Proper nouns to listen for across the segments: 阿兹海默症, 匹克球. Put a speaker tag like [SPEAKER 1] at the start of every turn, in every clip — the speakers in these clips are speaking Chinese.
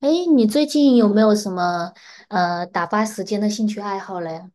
[SPEAKER 1] 哎，你最近有没有什么打发时间的兴趣爱好嘞？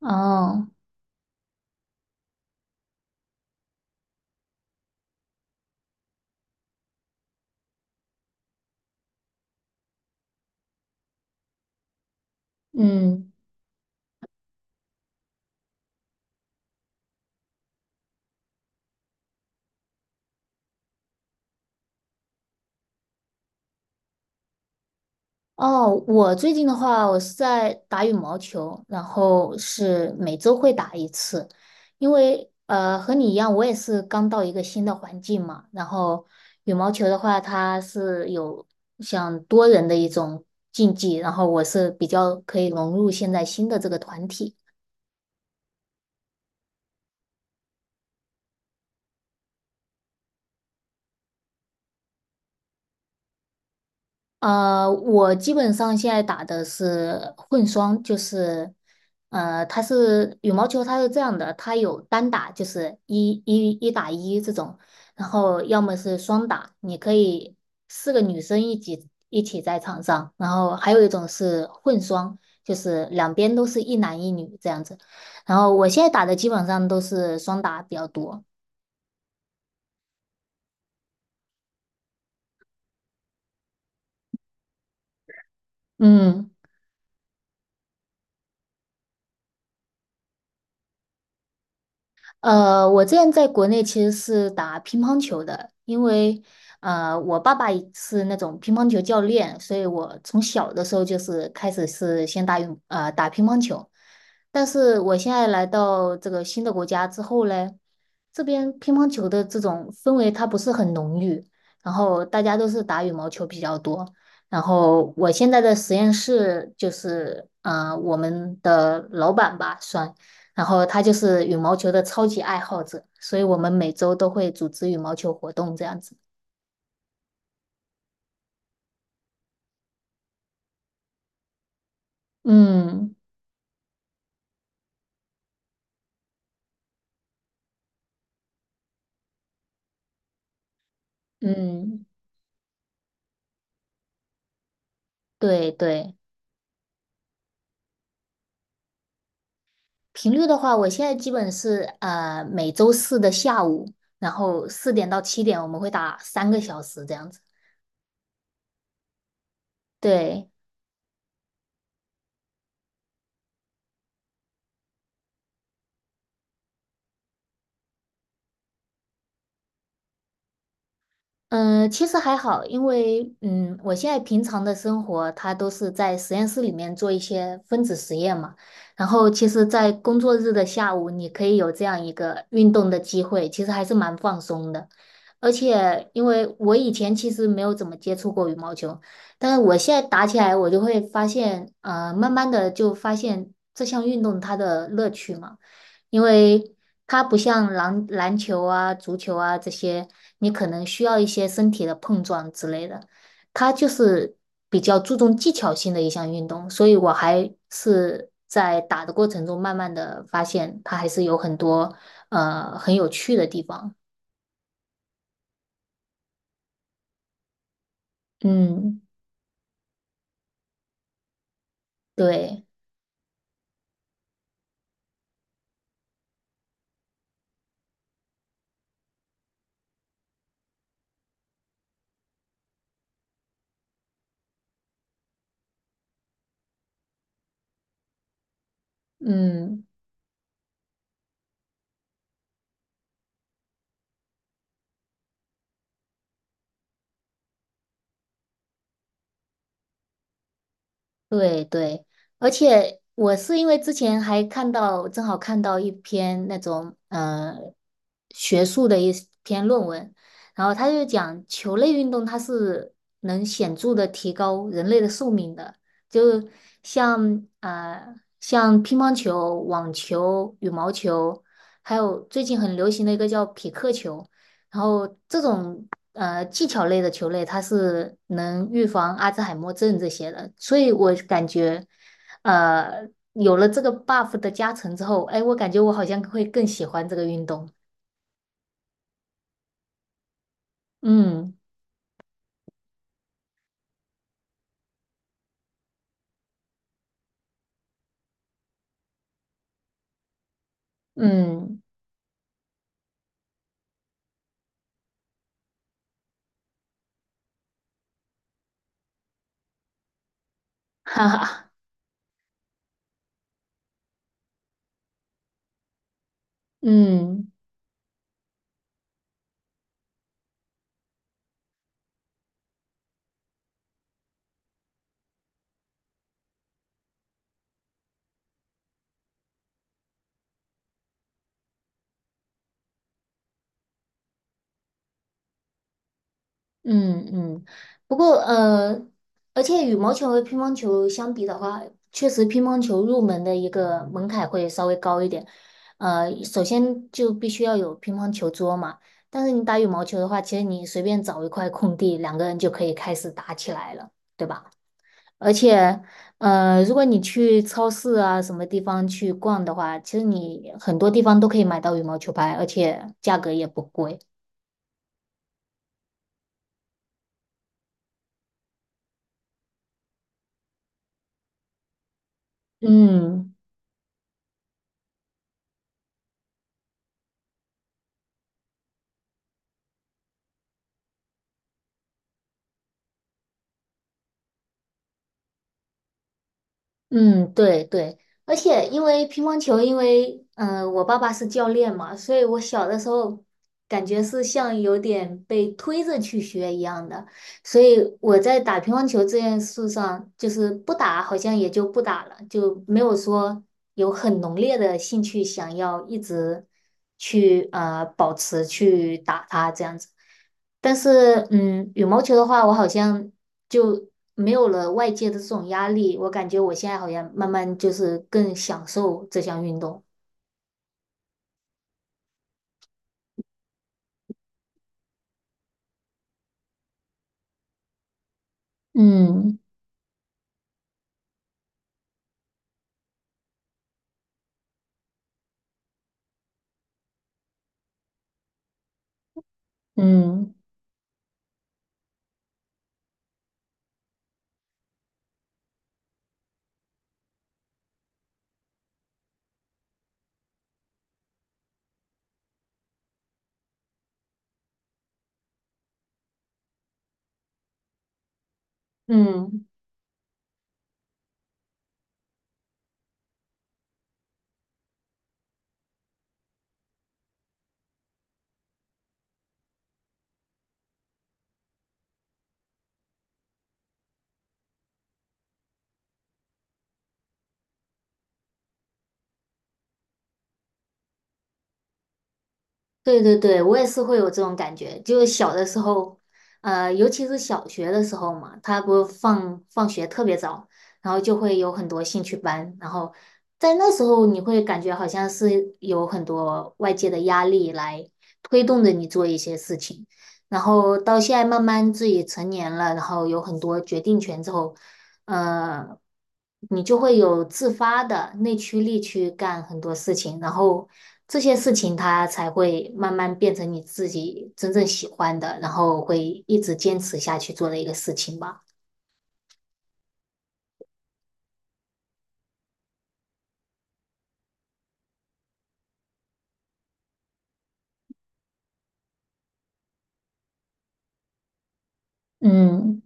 [SPEAKER 1] 哦，嗯，哦，我最近的话，我是在打羽毛球，然后是每周会打一次，因为和你一样，我也是刚到一个新的环境嘛。然后羽毛球的话，它是有像多人的一种竞技，然后我是比较可以融入现在新的这个团体。我基本上现在打的是混双，就是，它是羽毛球，它是这样的，它有单打，就是一打一这种，然后要么是双打，你可以四个女生一起在场上，然后还有一种是混双，就是两边都是一男一女这样子，然后我现在打的基本上都是双打比较多，嗯。我之前在国内其实是打乒乓球的，因为我爸爸也是那种乒乓球教练，所以我从小的时候就是开始是先打乒乓球。但是我现在来到这个新的国家之后嘞，这边乒乓球的这种氛围它不是很浓郁，然后大家都是打羽毛球比较多。然后我现在的实验室就是，我们的老板吧，算。然后他就是羽毛球的超级爱好者，所以我们每周都会组织羽毛球活动这样子。嗯嗯，对对，频率的话，我现在基本是每周四的下午，然后4点到7点我们会打3个小时这样子。对。嗯，其实还好，因为我现在平常的生活，它都是在实验室里面做一些分子实验嘛。然后，其实，在工作日的下午，你可以有这样一个运动的机会，其实还是蛮放松的。而且，因为我以前其实没有怎么接触过羽毛球，但是我现在打起来，我就会发现，慢慢的就发现这项运动它的乐趣嘛。因为它不像篮球啊、足球啊这些，你可能需要一些身体的碰撞之类的。它就是比较注重技巧性的一项运动，所以我还是在打的过程中慢慢的发现，它还是有很多很有趣的地方。嗯，对，嗯。对对，而且我是因为之前还看到，正好看到一篇那种学术的一篇论文，然后他就讲球类运动它是能显著的提高人类的寿命的，就像乒乓球、网球、羽毛球，还有最近很流行的一个叫匹克球，然后这种。技巧类的球类，它是能预防阿兹海默症这些的，所以我感觉，呃，有了这个 buff 的加成之后，哎，我感觉我好像会更喜欢这个运动。嗯嗯，哈哈，嗯。嗯嗯，不过而且羽毛球和乒乓球相比的话，确实乒乓球入门的一个门槛会稍微高一点。首先就必须要有乒乓球桌嘛，但是你打羽毛球的话，其实你随便找一块空地，两个人就可以开始打起来了，对吧？而且如果你去超市啊什么地方去逛的话，其实你很多地方都可以买到羽毛球拍，而且价格也不贵。嗯。嗯，对对，而且因为乒乓球，因为我爸爸是教练嘛，所以我小的时候感觉是像有点被推着去学一样的，所以我在打乒乓球这件事上，就是不打好像也就不打了，就没有说有很浓烈的兴趣想要一直去保持去打它这样子。但是，羽毛球的话，我好像就没有了外界的这种压力，我感觉我现在好像慢慢就是更享受这项运动。嗯嗯，嗯。对对对，我也是会有这种感觉，就是小的时候，尤其是小学的时候嘛，他不放学特别早，然后就会有很多兴趣班，然后在那时候你会感觉好像是有很多外界的压力来推动着你做一些事情，然后到现在慢慢自己成年了，然后有很多决定权之后，呃，你就会有自发的内驱力去干很多事情，然后这些事情它才会慢慢变成你自己真正喜欢的，然后会一直坚持下去做的一个事情吧。嗯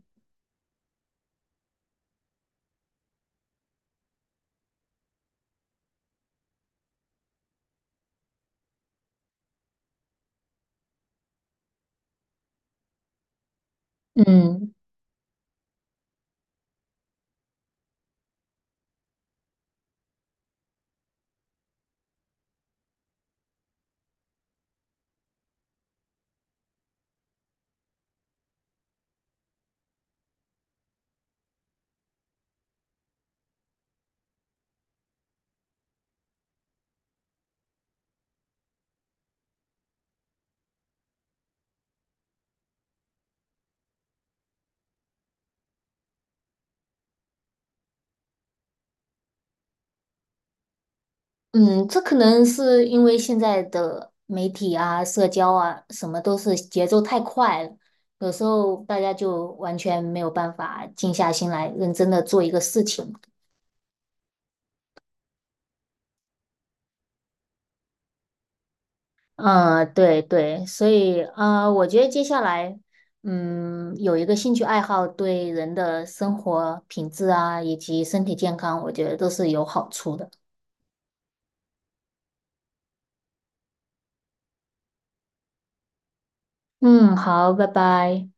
[SPEAKER 1] 嗯嗯，这可能是因为现在的媒体啊、社交啊，什么都是节奏太快了，有时候大家就完全没有办法静下心来认真的做一个事情。嗯，对对，所以啊，我觉得接下来，有一个兴趣爱好对人的生活品质啊，以及身体健康，我觉得都是有好处的。嗯，好，拜拜。